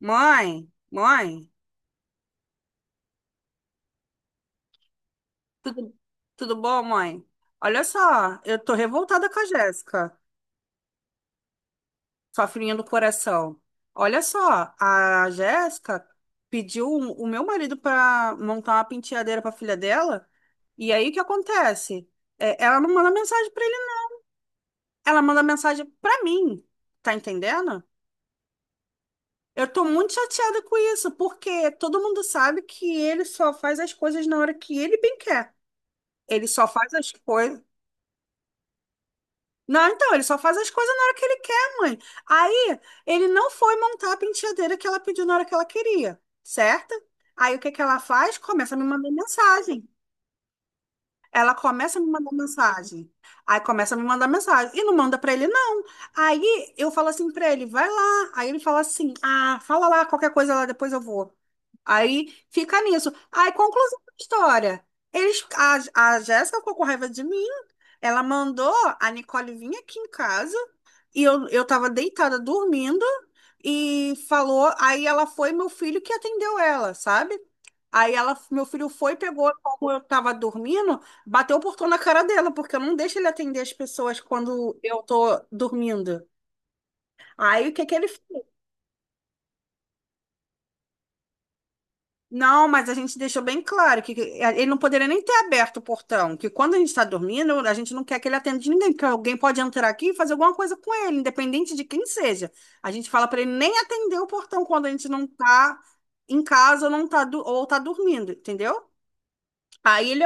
Mãe, mãe, tudo, tudo bom, mãe? Olha só, eu tô revoltada com a Jéssica, sua filhinha do coração. Olha só, a Jéssica pediu o meu marido para montar uma penteadeira para filha dela, e aí o que acontece? É, ela não manda mensagem para ele, não. Ela manda mensagem para mim, tá entendendo? Eu tô muito chateada com isso, porque todo mundo sabe que ele só faz as coisas na hora que ele bem quer. Ele só faz as coisas. Não, então, ele só faz as coisas na hora que ele quer, mãe. Aí, ele não foi montar a penteadeira que ela pediu na hora que ela queria, certo? Aí, o que que ela faz? Começa a me mandar mensagem. Ela começa a me mandar mensagem. Aí, começa a me mandar mensagem. E não manda pra ele, não. Aí, eu falo assim pra ele, vai lá. Aí, ele fala assim, ah, fala lá, qualquer coisa lá, depois eu vou. Aí, fica nisso. Aí, conclusão da história. Eles, a Jéssica ficou com raiva de mim. Ela mandou a Nicole vir aqui em casa e eu tava deitada dormindo e falou. Aí ela foi, meu filho que atendeu ela, sabe? Aí ela, meu filho foi, pegou, como eu tava dormindo, bateu o portão na cara dela, porque eu não deixo ele atender as pessoas quando eu tô dormindo. Aí o que que ele Não, mas a gente deixou bem claro que ele não poderia nem ter aberto o portão, que quando a gente está dormindo, a gente não quer que ele atenda de ninguém, porque alguém pode entrar aqui e fazer alguma coisa com ele, independente de quem seja. A gente fala para ele nem atender o portão quando a gente não está em casa ou não tá, ou tá dormindo, entendeu? Aí ele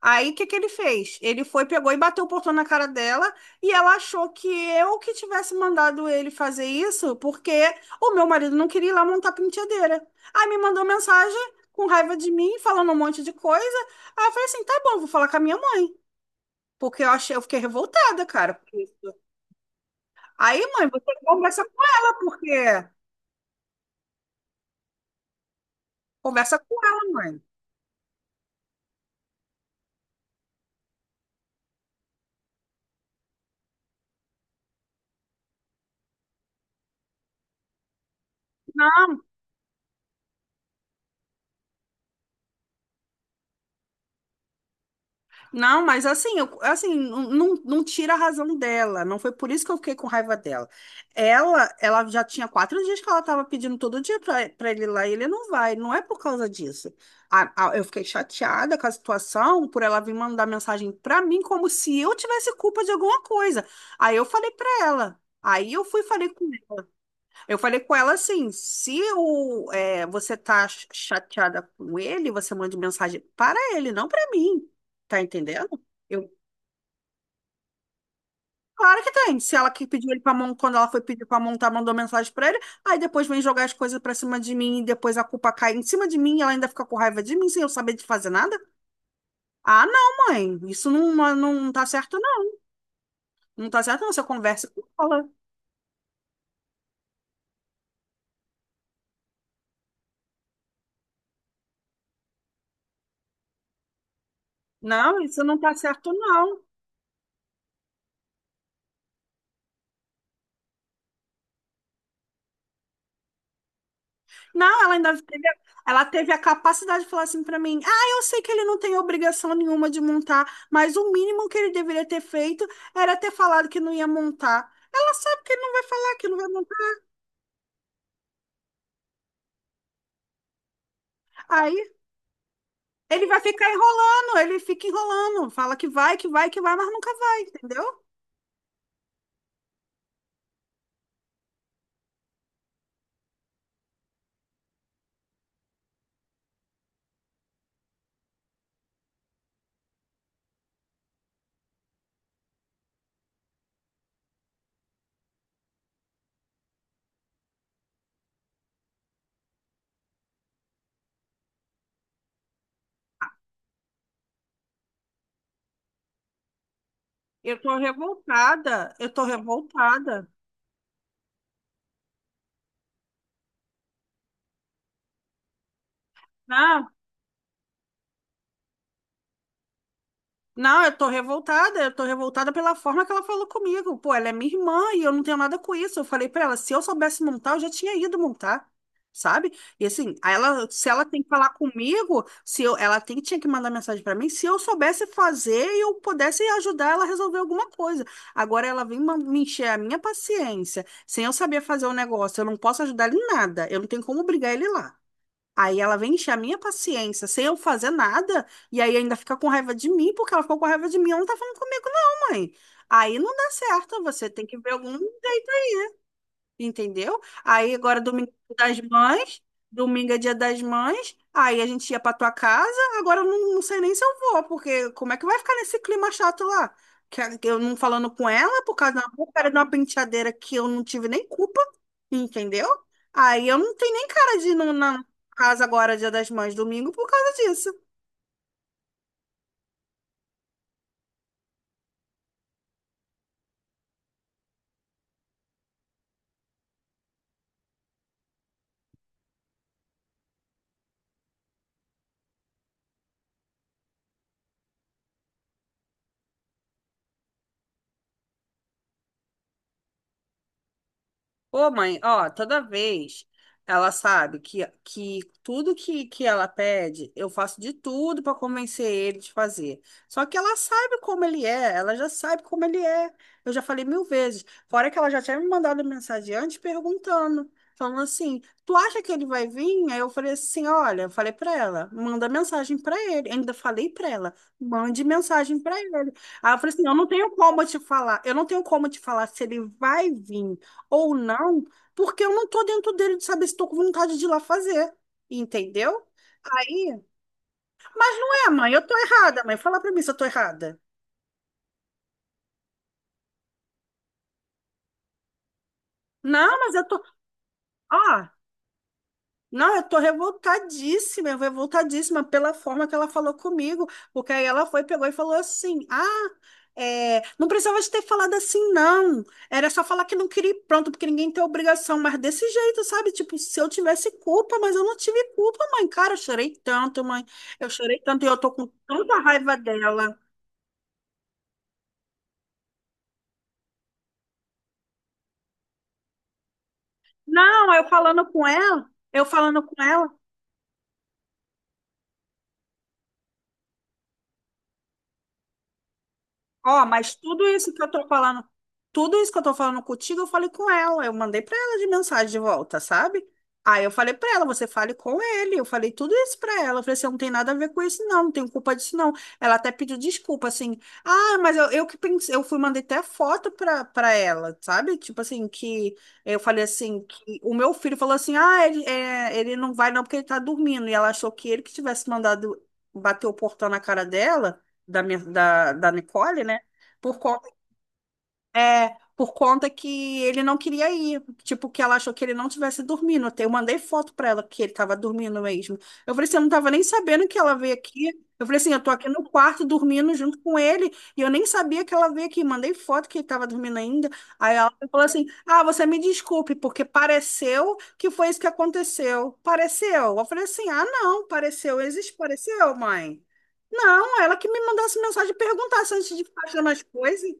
Aí, o que que ele fez? Ele foi, pegou e bateu o portão na cara dela e ela achou que eu que tivesse mandado ele fazer isso porque o meu marido não queria ir lá montar penteadeira. Aí me mandou mensagem com raiva de mim, falando um monte de coisa. Aí eu falei assim, tá bom, vou falar com a minha mãe. Porque eu achei, eu fiquei revoltada, cara, por isso. Aí, mãe, você conversa com ela, porque... Conversa com ela, mãe. Não. Não, mas assim, assim, não, não tira a razão dela. Não foi por isso que eu fiquei com raiva dela. Ela já tinha 4 dias que ela estava pedindo todo dia para ele ir lá e ele não vai. Não é por causa disso. Eu fiquei chateada com a situação por ela vir mandar mensagem para mim como se eu tivesse culpa de alguma coisa. Aí eu falei para ela. Aí eu fui e falei com Eu falei com ela assim: se o, é, você tá chateada com ele, você manda mensagem para ele, não para mim. Tá entendendo? Eu, Claro que tem. Se ela que pediu ele para montar, quando ela foi pedir para montar, mandou mensagem para ele, aí depois vem jogar as coisas para cima de mim, e depois a culpa cai em cima de mim, e ela ainda fica com raiva de mim sem eu saber de fazer nada. Ah, não, mãe, isso não, não tá certo, não. Não tá certo, não. Você conversa com ela. Não, isso não tá certo, não. Não, ela ainda teve, ela teve a capacidade de falar assim pra mim: ah, eu sei que ele não tem obrigação nenhuma de montar, mas o mínimo que ele deveria ter feito era ter falado que não ia montar. Ela sabe que ele não vai falar que não vai montar. Aí ele vai ficar enrolando, ele fica enrolando, fala que vai, que vai, que vai, mas nunca vai, entendeu? Eu tô revoltada, eu tô revoltada. Ah, não, eu tô revoltada pela forma que ela falou comigo. Pô, ela é minha irmã e eu não tenho nada com isso. Eu falei pra ela, se eu soubesse montar, eu já tinha ido montar, sabe? E assim, aí ela, se ela tem que falar comigo, se eu, ela tem, tinha que mandar mensagem pra mim, se eu soubesse fazer e eu pudesse ajudar ela a resolver alguma coisa. Agora ela vem me encher a minha paciência, sem eu saber fazer o negócio, eu não posso ajudar ele em nada, eu não tenho como obrigar ele lá. Aí ela vem encher a minha paciência sem eu fazer nada, e aí ainda fica com raiva de mim, porque ela ficou com raiva de mim, ela não tá falando comigo, não, mãe. Aí não dá certo, você tem que ver algum. Entendeu? Aí agora domingo é dia das mães, domingo é dia das mães, aí a gente ia pra tua casa, agora eu não, não sei nem se eu vou, porque como é que vai ficar nesse clima chato lá? Que que eu não falando com ela por causa de uma porcaria de uma penteadeira que eu não tive nem culpa, entendeu? Aí eu não tenho nem cara de ir na casa agora, dia das mães, domingo, por causa disso. Ô, mãe, ó, toda vez ela sabe que tudo que ela pede, eu faço de tudo para convencer ele de fazer. Só que ela sabe como ele é, ela já sabe como ele é. Eu já falei mil vezes. Fora que ela já tinha me mandado mensagem antes perguntando, falando assim: tu acha que ele vai vir? Aí eu falei assim: olha, eu falei para ela, manda mensagem para ele. Ainda falei para ela, mande mensagem para ele. Aí eu falei assim: eu não tenho como te falar, eu não tenho como te falar se ele vai vir ou não, porque eu não tô dentro dele de saber se tô com vontade de ir lá fazer, entendeu? Aí, ué, mãe, eu tô errada, mãe, fala pra mim se eu tô errada. Não, mas eu tô, ó, não, eu tô revoltadíssima, eu revoltadíssima pela forma que ela falou comigo, porque aí ela foi, pegou e falou assim, ah, é, não precisava de ter falado assim, não, era só falar que não queria ir pronto, porque ninguém tem obrigação, mas desse jeito, sabe, tipo, se eu tivesse culpa, mas eu não tive culpa, mãe, cara, eu chorei tanto, mãe, eu chorei tanto e eu tô com tanta raiva dela. Não, eu falando com ela, eu falando com ela, ó, mas tudo isso que eu tô falando, tudo isso que eu tô falando contigo, eu falei com ela. Eu mandei pra ela de mensagem de volta, sabe? Aí eu falei pra ela, você fale com ele. Eu falei tudo isso pra ela. Eu falei assim, eu não tem nada a ver com isso, não, não tenho culpa disso, não. Ela até pediu desculpa, assim. Ah, mas eu que pensei, eu fui, mandei até foto pra ela, sabe? Tipo assim, que eu falei assim, que o meu filho falou assim, ah, ele, é, ele não vai não porque ele tá dormindo. E ela achou que ele que tivesse mandado bater o portão na cara dela da Nicole, né? Por conta, por conta que ele não queria ir. Tipo, que ela achou que ele não tivesse dormindo. Até eu mandei foto pra ela que ele tava dormindo mesmo. Eu falei assim, eu não tava nem sabendo que ela veio aqui. Eu falei assim, eu tô aqui no quarto dormindo junto com ele. E eu nem sabia que ela veio aqui. Mandei foto que ele tava dormindo ainda. Aí ela falou assim, ah, você me desculpe, porque pareceu que foi isso que aconteceu. Pareceu. Eu falei assim, ah, não, pareceu. Existe pareceu, mãe? Não, ela que me mandasse mensagem e perguntasse antes de ficar achando as coisas.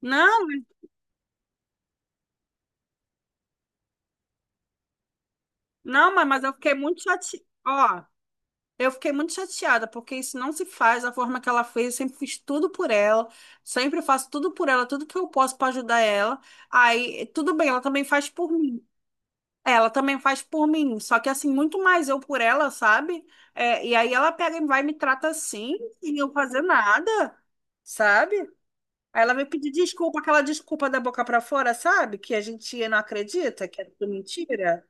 Não, não, mas eu fiquei muito chateada. Ó, eu fiquei muito chateada, porque isso não se faz da forma que ela fez. Eu sempre fiz tudo por ela, sempre faço tudo por ela, tudo que eu posso para ajudar ela. Aí, tudo bem, ela também faz por mim. Ela também faz por mim, só que assim, muito mais eu por ela, sabe? É, e aí ela pega e vai e me trata assim, sem eu fazer nada, sabe? Aí ela vem pedir desculpa, aquela desculpa da boca pra fora, sabe? Que a gente não acredita, que é tudo mentira.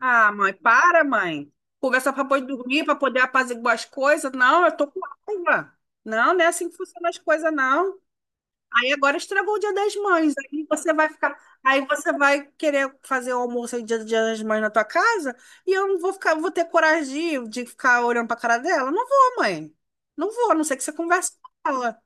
Ah, mãe, para, mãe. Conversar para poder dormir, para poder apaziguar as coisas. Não, eu tô com raiva. Não, não é assim que funcionam as coisas, não. Aí agora estragou o Dia das Mães. Aí você vai ficar, aí você vai querer fazer o almoço aí Dia das Mães na tua casa e eu não vou ficar, vou ter coragem de ficar olhando para cara dela. Não vou, mãe. Não vou, a não ser que você converse com ela.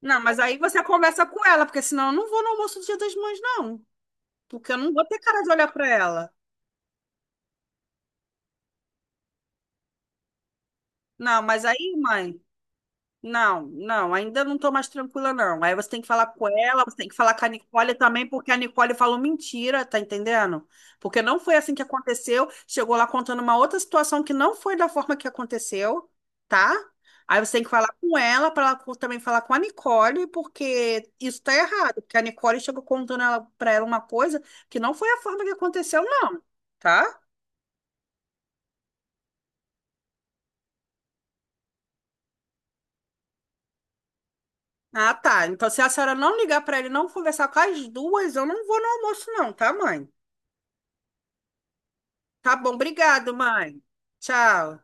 Não, mas aí você conversa com ela, porque senão eu não vou no almoço do Dia das Mães, não. Porque eu não vou ter cara de olhar para ela. Não, mas aí, mãe. Não, não, ainda não tô mais tranquila, não. Aí você tem que falar com ela, você tem que falar com a Nicole também, porque a Nicole falou mentira, tá entendendo? Porque não foi assim que aconteceu. Chegou lá contando uma outra situação que não foi da forma que aconteceu, tá? Aí você tem que falar com ela, para ela também falar com a Nicole, porque isso tá errado. Porque a Nicole chegou contando ela, pra ela uma coisa que não foi a forma que aconteceu, não, tá? Ah, tá. Então, se a senhora não ligar pra ele, e não conversar com as duas, eu não vou no almoço, não, tá, mãe? Tá bom, obrigado, mãe. Tchau.